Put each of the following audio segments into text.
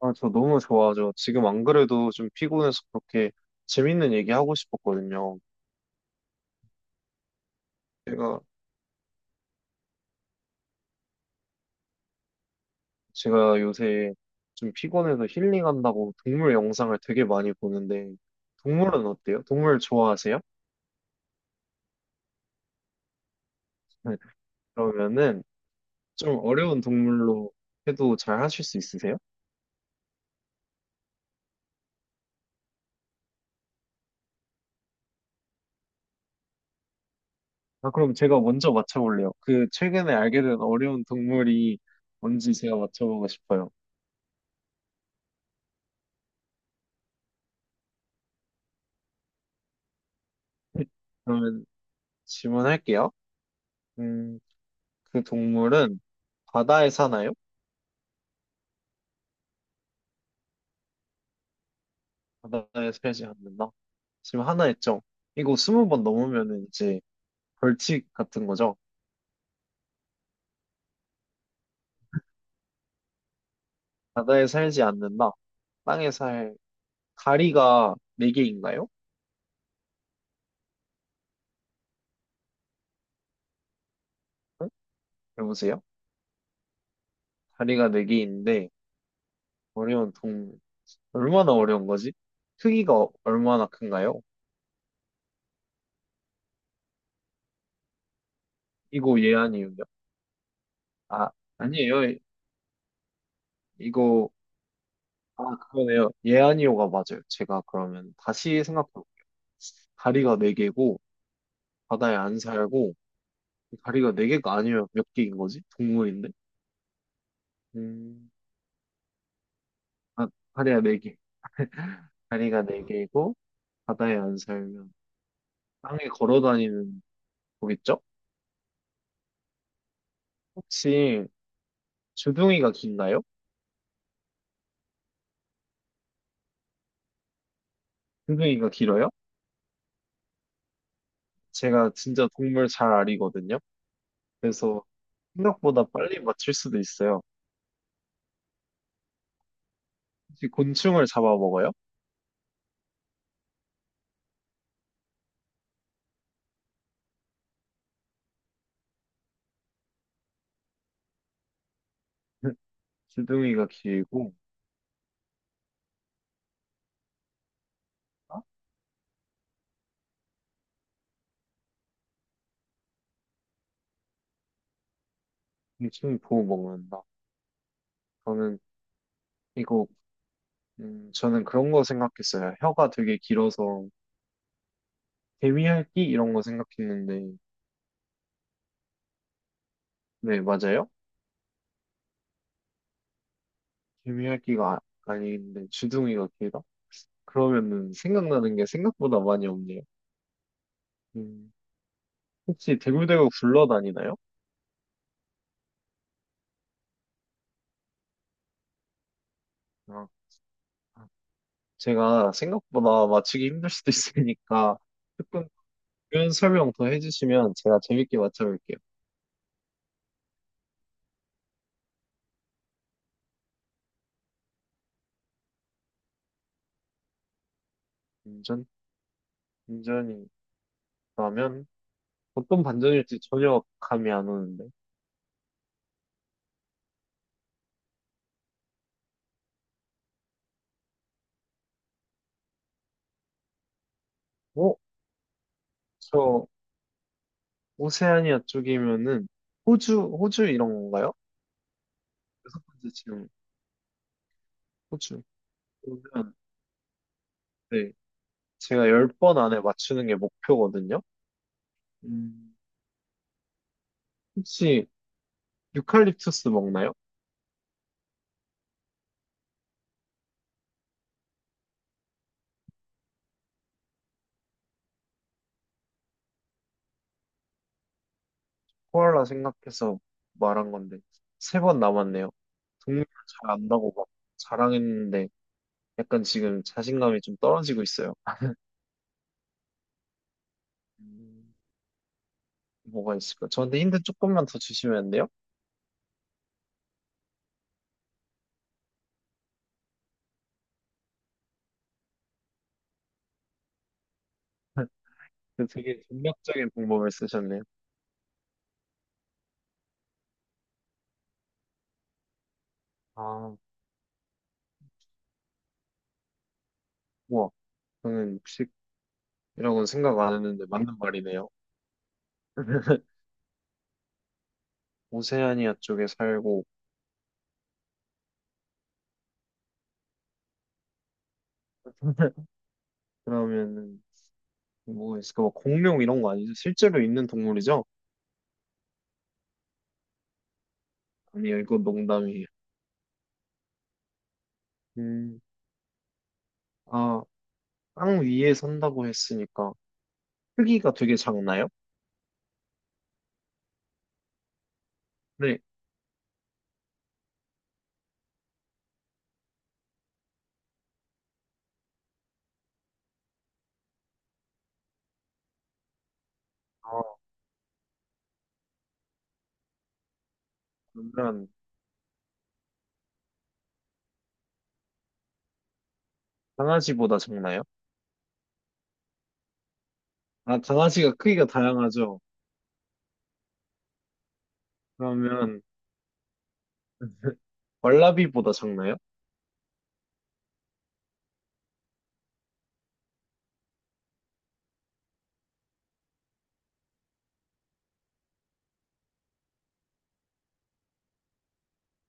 아, 저 너무 좋아하죠. 지금 안 그래도 좀 피곤해서 그렇게 재밌는 얘기 하고 싶었거든요. 제가, 제가 요새 좀 피곤해서 힐링한다고 동물 영상을 되게 많이 보는데, 동물은 어때요? 동물 좋아하세요? 네, 그러면은 좀 어려운 동물로 해도 잘 하실 수 있으세요? 아, 그럼 제가 먼저 맞춰볼래요. 그 최근에 알게 된 어려운 동물이 뭔지 제가 맞춰보고 싶어요. 그러면 질문할게요. 음, 그 동물은 바다에 사나요? 하나에 세지 않는다? 지금 하나 했죠? 이거 스무 번 넘으면은 이제 벌칙 같은 거죠? 바다에 살지 않는다. 땅에 살 다리가 네 개인가요? 응? 여보세요? 다리가 네 개인데 어려운 동 얼마나 어려운 거지? 크기가 얼마나 큰가요? 이거 예안이요요? 아 아니에요. 이거 아 그러네요. 예안이요가 맞아요. 제가 그러면 다시 생각해 볼게요. 다리가 네 개고 바다에 안 살고 다리가 네 개가 아니면 몇 개인 거지? 동물인데? 음, 아, 다리가 네 개. 다리가 네 개이고, 바다에 안 살면, 땅에 걸어 다니는 거겠죠? 혹시, 주둥이가 긴가요? 주둥이가 길어요? 제가 진짜 동물 잘 아리거든요? 그래서 생각보다 빨리 맞출 수도 있어요. 혹시 곤충을 잡아먹어요? 주둥이가 길고, 아, 곤충이 보고 먹는다. 저는, 이거, 저는 그런 거 생각했어요. 혀가 되게 길어서, 개미핥기 이런 거 생각했는데 네 맞아요? 개미핥기가 아, 아닌데 주둥이가 길다? 그러면은 생각나는 게 생각보다 많이 없네요. 음, 혹시 대굴대굴 굴러다니나요? 아, 제가 생각보다 맞추기 힘들 수도 있으니까 조금 이런 설명 더 해주시면 제가 재밌게 맞춰볼게요. 반전 반전이라면 어떤 반전일지 전혀 감이 안 오는데. 어? 저 오세아니아 쪽이면은 호주 이런 건가요? 여섯 번째 질문, 호주. 그러면, 네, 제가 열 번 안에 맞추는 게 목표거든요. 음, 혹시 유칼립투스 먹나요? 코알라 생각해서 말한 건데, 세 번 남았네요. 동물 잘 안다고 막 자랑했는데, 약간 지금 자신감이 좀 떨어지고 있어요. 음, 뭐가 있을까? 저한테 힌트 조금만 더 주시면 안 돼요? 그 되게 전략적인 방법을 쓰셨네요. 아, 우와. 저는 육식이라고는 생각 안 했는데 맞는 말이네요. 오세아니아 쪽에 살고 그러면은 뭐 있을까? 뭐 공룡 이런 거 아니죠? 실제로 있는 동물이죠? 아니요, 이건 농담이에요. 음, 아, 땅 위에 산다고 했으니까 크기가 되게 작나요? 네. 아, 그러면 강아지보다 작나요? 아, 강아지가 크기가 다양하죠. 그러면 왈라비보다 작나요?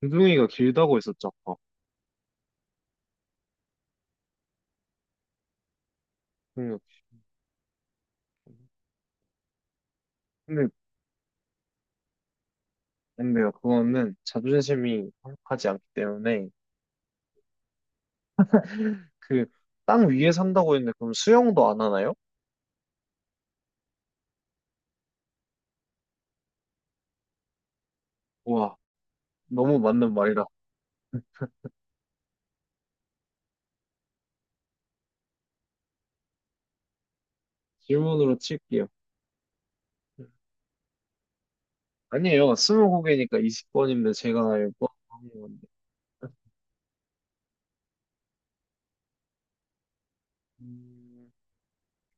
두둥이가 길다고 했었죠, 아까. 음, 근데, 근데요, 그거는 자존심이 허락하지 않기 때문에 그 땅 위에 산다고 했는데 그럼 수영도 안 하나요? 우와. 너무 맞는 말이라 질문으로 칠게요. 아니에요. 스무고개니까 20번인데 제가 알고 하는 건데. 음,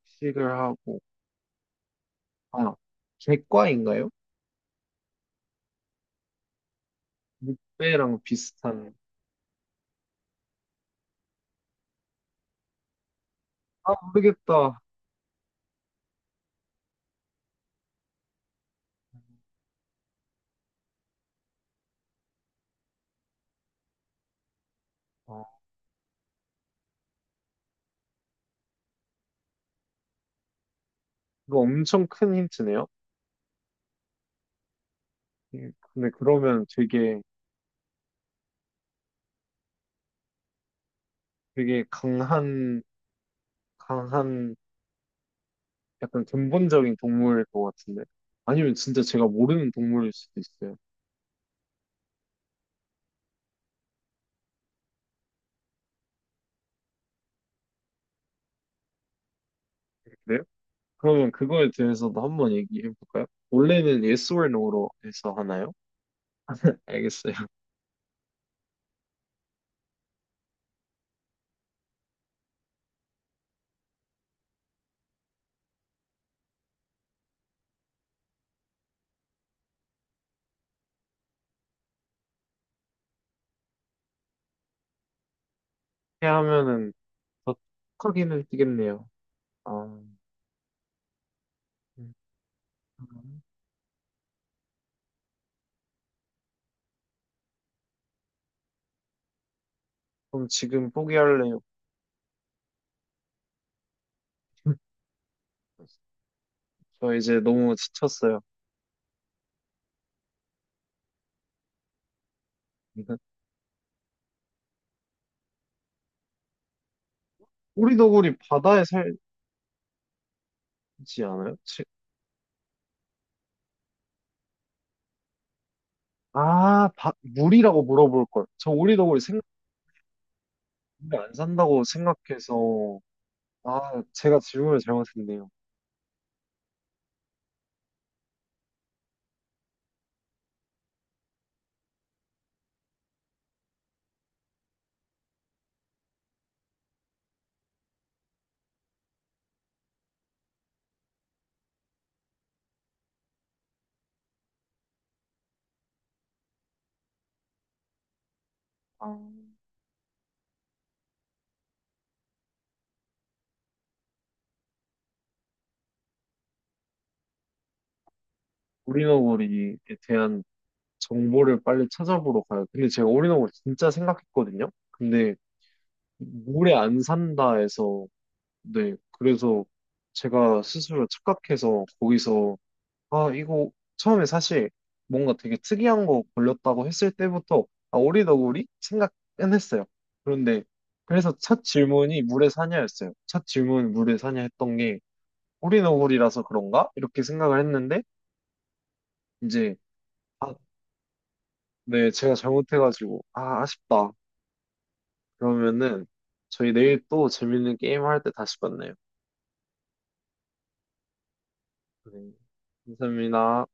식을 하고 아 객과인가요? 늑대랑 비슷한 아 모르겠다. 어, 이거 엄청 큰 힌트네요. 근데 그러면 되게 강한 약간 근본적인 동물일 것 같은데 아니면 진짜 제가 모르는 동물일 수도 있어요. 그래요? 그러면 그거에 대해서도 한 번 얘기해 볼까요? 원래는 yes or no로 해서 하나요? 알겠어요. 이렇게 하면은 더 크기는 뛰겠네요. 아, 음. 그럼 지금 포기할래요. 저 이제 너무 지쳤어요. 오리더구리 바다에 살지 않아요? 물이라고 물어볼 걸. 저 오리더구리 생각, 물에 안 산다고 생각해서, 아, 제가 질문을 잘못했네요. 아, 오리너구리에 대한 정보를 빨리 찾아보러 가요. 근데 제가 올인원을 진짜 생각했거든요. 근데 물에 안 산다 해서 네 그래서 제가 스스로 착각해서 거기서 아 이거 처음에 사실 뭔가 되게 특이한 거 걸렸다고 했을 때부터 아 오리더구리 생각은 했어요. 그런데 그래서 첫 질문이 물에 사냐였어요. 첫 질문 물에 사냐 했던 게 오리너구리라서 그런가? 이렇게 생각을 했는데 이제 아, 네 제가 잘못해가지고 아 아쉽다 그러면은 저희 내일 또 재밌는 게임 할 때 다시 만나요. 네. 감사합니다.